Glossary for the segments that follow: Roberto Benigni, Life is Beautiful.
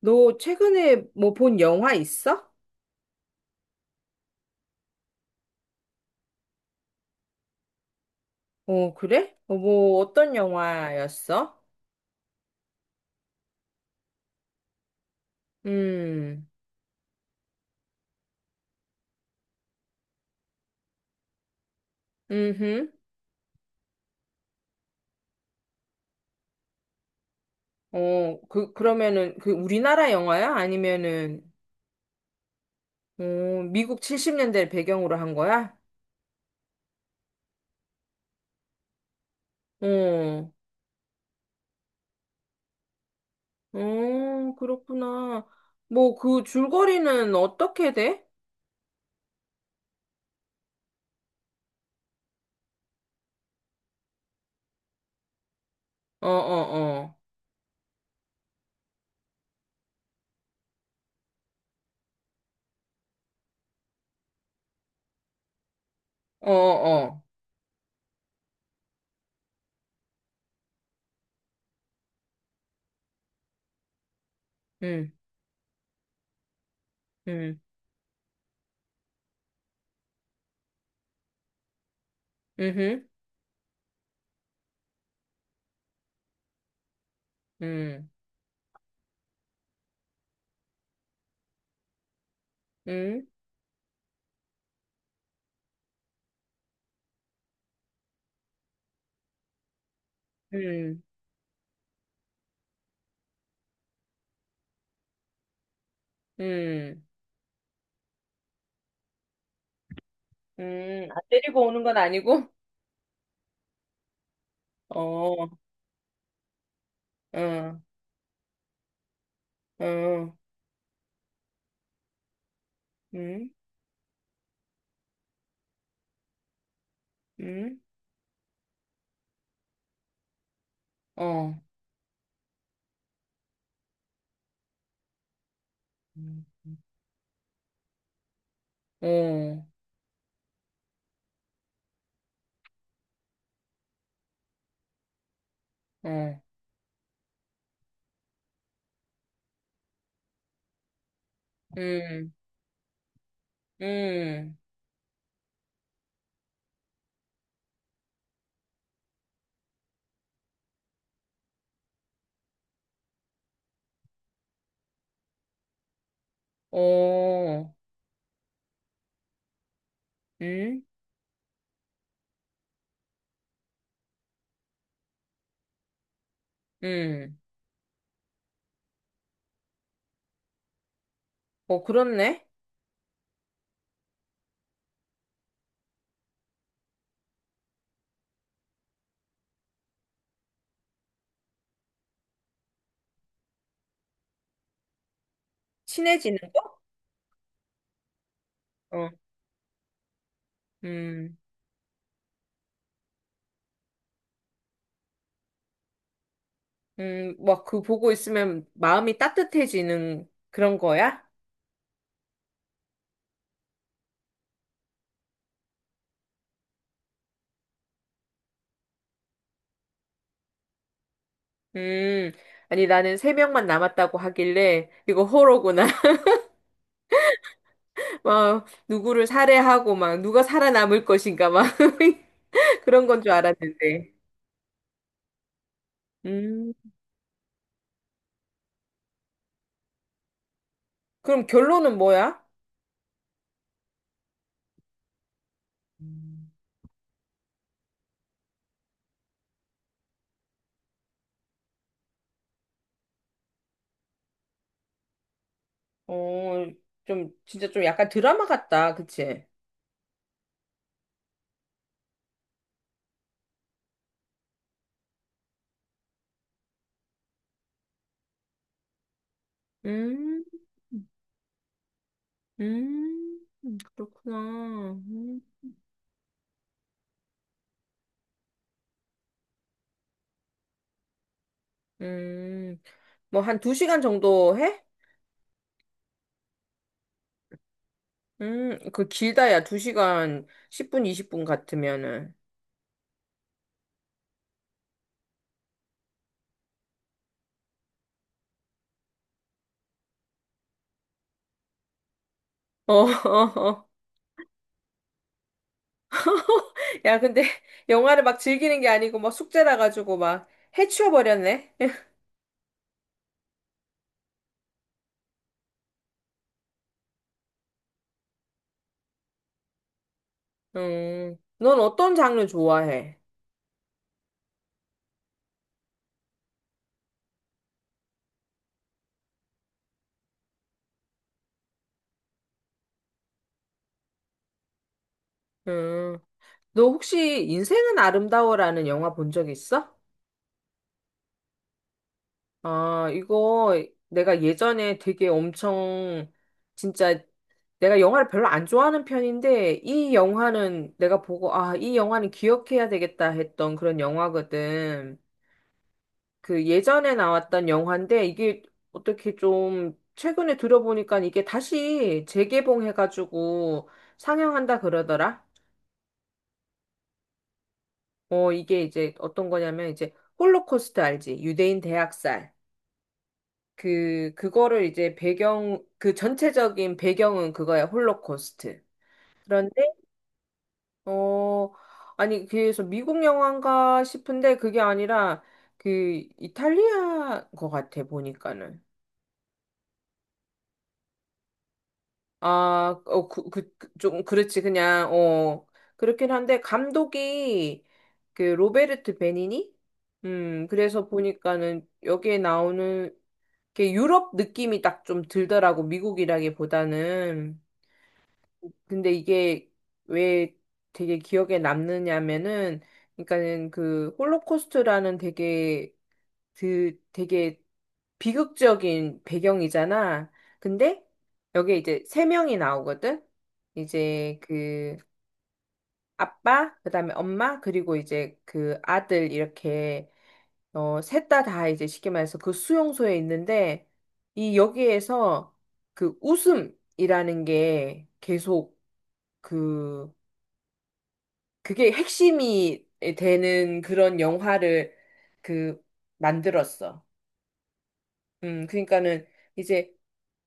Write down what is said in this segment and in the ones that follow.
너 최근에 뭐 본 영화 있어? 어, 그래? 뭐 어떤 영화였어? 음, 음흠. 어, 그러면은 그 우리나라 영화야? 아니면은, 어, 미국 70년대를 배경으로 한 거야? 어, 어, 그렇구나. 뭐 그 줄거리는 어떻게 돼? 어, 어, 어, 어, 어, 어. 음, 음, 음흠, 음, 음, 음, 음, 아, 때리고 오는 건 아니고? 어, 응, 응, 응, 응, 어, 음, 어, 어, 응, 응, 어, 응, 응. 어, 그렇네. 친해지는 거? 어, 음, 막 그 보고 있으면 마음이 따뜻해지는 그런 거야? 음, 아니 나는 세 명만 남았다고 하길래 이거 호러구나. 막 누구를 살해하고 막 누가 살아남을 것인가 막 그런 건 줄 알았는데. 음. 그럼 결론은 뭐야? 음. 어, 좀, 진짜 좀 약간 드라마 같다, 그치? 음, 음, 그렇구나. 음, 음. 뭐, 한 두시간 정도 해? 그 길다, 야. 두시간 10분, 20분 같으면은. 어, 어, 어. 야, 근데 영화를 막 즐기는 게 아니고, 막 숙제라 가지고 막 해치워버렸네? 넌 어떤 장르 좋아해? 음. 너 혹시 인생은 아름다워라는 영화 본 적 있어? 아, 이거 내가 예전에 되게 엄청 진짜 내가 영화를 별로 안 좋아하는 편인데 이 영화는 내가 보고 아, 이 영화는 기억해야 되겠다 했던 그런 영화거든. 그 예전에 나왔던 영화인데 이게 어떻게 좀 최근에 들어보니까 이게 다시 재개봉해가지고 상영한다 그러더라. 어, 이게 이제 어떤 거냐면 이제 홀로코스트 알지? 유대인 대학살. 그거를 이제 배경, 그 전체적인 배경은 그거야, 홀로코스트. 그런데, 어, 아니, 그래서 미국 영화인가 싶은데 그게 아니라 그 이탈리아 거 같아, 보니까는. 아, 어, 좀, 그렇지, 그냥, 어, 그렇긴 한데 감독이 그 로베르트 베니니? 그래서 보니까는 여기에 나오는 게 유럽 느낌이 딱 좀 들더라고, 미국이라기보다는. 근데 이게 왜 되게 기억에 남느냐면은, 그러니까는 그 홀로코스트라는 되게 그 되게 비극적인 배경이잖아. 근데 여기 이제 세 명이 나오거든. 이제 그 아빠, 그다음에 엄마, 그리고 이제 그 아들 이렇게 어, 셋 다 이제 쉽게 말해서 그 수용소에 있는데 이 여기에서 그 웃음이라는 게 계속 그 그게 핵심이 되는 그런 영화를 그 만들었어. 그러니까는 이제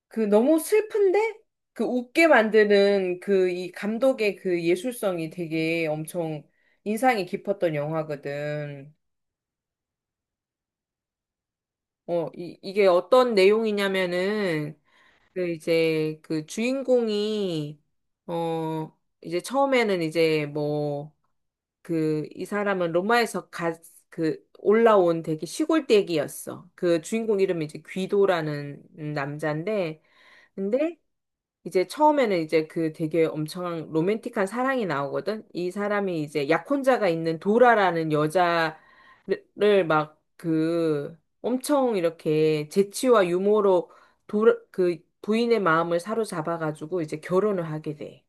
그 너무 슬픈데 그 웃게 만드는 그 이 감독의 그 예술성이 되게 엄청 인상이 깊었던 영화거든. 어, 이게 어떤 내용이냐면은 그 이제 그 주인공이 어 이제 처음에는 이제 뭐 그, 이 사람은 로마에서 가, 그, 올라온 되게 시골댁이었어. 그 주인공 이름이 이제 귀도라는 남자인데, 근데 이제 처음에는 이제 그 되게 엄청 로맨틱한 사랑이 나오거든? 이 사람이 이제 약혼자가 있는 도라라는 여자를 막 그 엄청 이렇게 재치와 유머로 도, 그 부인의 마음을 사로잡아가지고 이제 결혼을 하게 돼.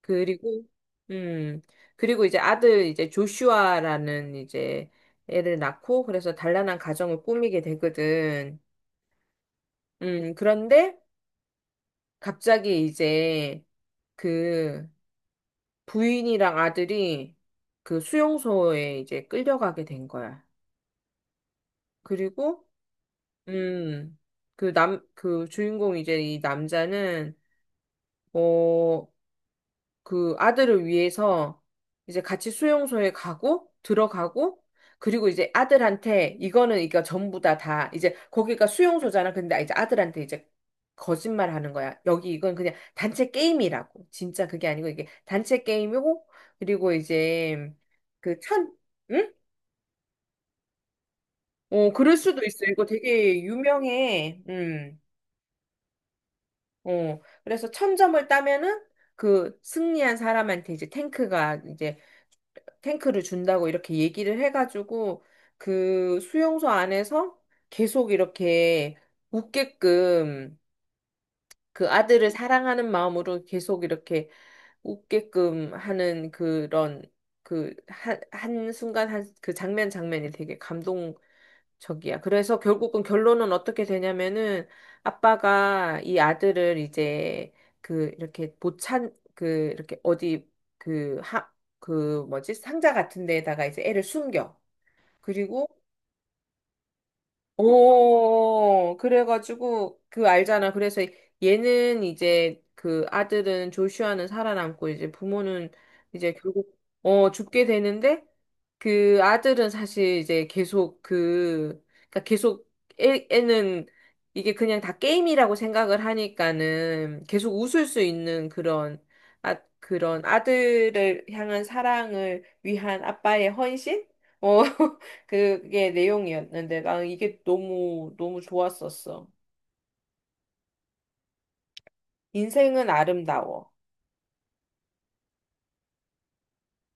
그리고 음 그리고 이제 아들 이제 조슈아라는 이제 애를 낳고 그래서 단란한 가정을 꾸미게 되거든. 그런데 갑자기 이제 그 부인이랑 아들이 그 수용소에 이제 끌려가게 된 거야. 그리고 음 그 남 그 주인공 이제 이 남자는 어 그 아들을 위해서 이제 같이 수용소에 가고 들어가고 그리고 이제 아들한테 이거는 이거 전부 다 이제 거기가 수용소잖아. 근데 이제 아들한테 이제 거짓말 하는 거야. 여기 이건 그냥 단체 게임이라고. 진짜 그게 아니고 이게 단체 게임이고 그리고 이제 그 천, 응? 어, 그럴 수도 있어. 이거 되게 유명해. 음. 어. 그래서 천 점을 따면은 그 승리한 사람한테 이제 탱크가 이제 탱크를 준다고 이렇게 얘기를 해가지고 그 수용소 안에서 계속 이렇게 웃게끔 그 아들을 사랑하는 마음으로 계속 이렇게 웃게끔 하는 그런 그 한 순간 한 그 장면 장면이 되게 감동적이야. 그래서 결국은 결론은 어떻게 되냐면은 아빠가 이 아들을 이제 그 이렇게 보찬 그 이렇게 어디 그 하 그 뭐지 상자 같은 데에다가 이제 애를 숨겨. 그리고 어, 그래가지고, 그 알잖아. 그래서 얘는 이제 그 아들은 조슈아는 살아남고 이제 부모는 이제 결국, 어, 죽게 되는데 그 아들은 사실 이제 계속 그, 그러니까 계속 애는 이게 그냥 다 게임이라고 생각을 하니까는 계속 웃을 수 있는 그런, 아, 그런 아들을 향한 사랑을 위한 아빠의 헌신? 어, 그게 내용이었는데 나는 이게 너무 좋았었어. 인생은 아름다워.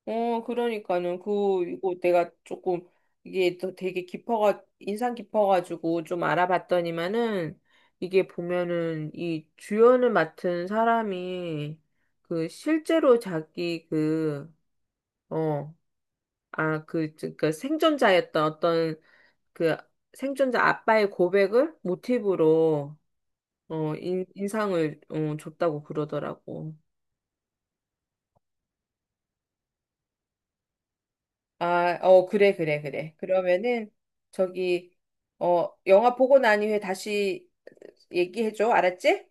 어, 그러니까는 그 이거 내가 조금 이게 또 되게 깊어가 인상 깊어가지고 좀 알아봤더니만은 이게 보면은 이 주연을 맡은 사람이 그 실제로 자기 그 어, 아, 그, 그 생존자였던 어떤 그 생존자 아빠의 고백을 모티브로 어, 인상을 어, 줬다고 그러더라고. 아, 어, 그래, 그래, 그래. 그러면은, 저기, 어, 영화 보고 난 이후에 다시 얘기해줘. 알았지?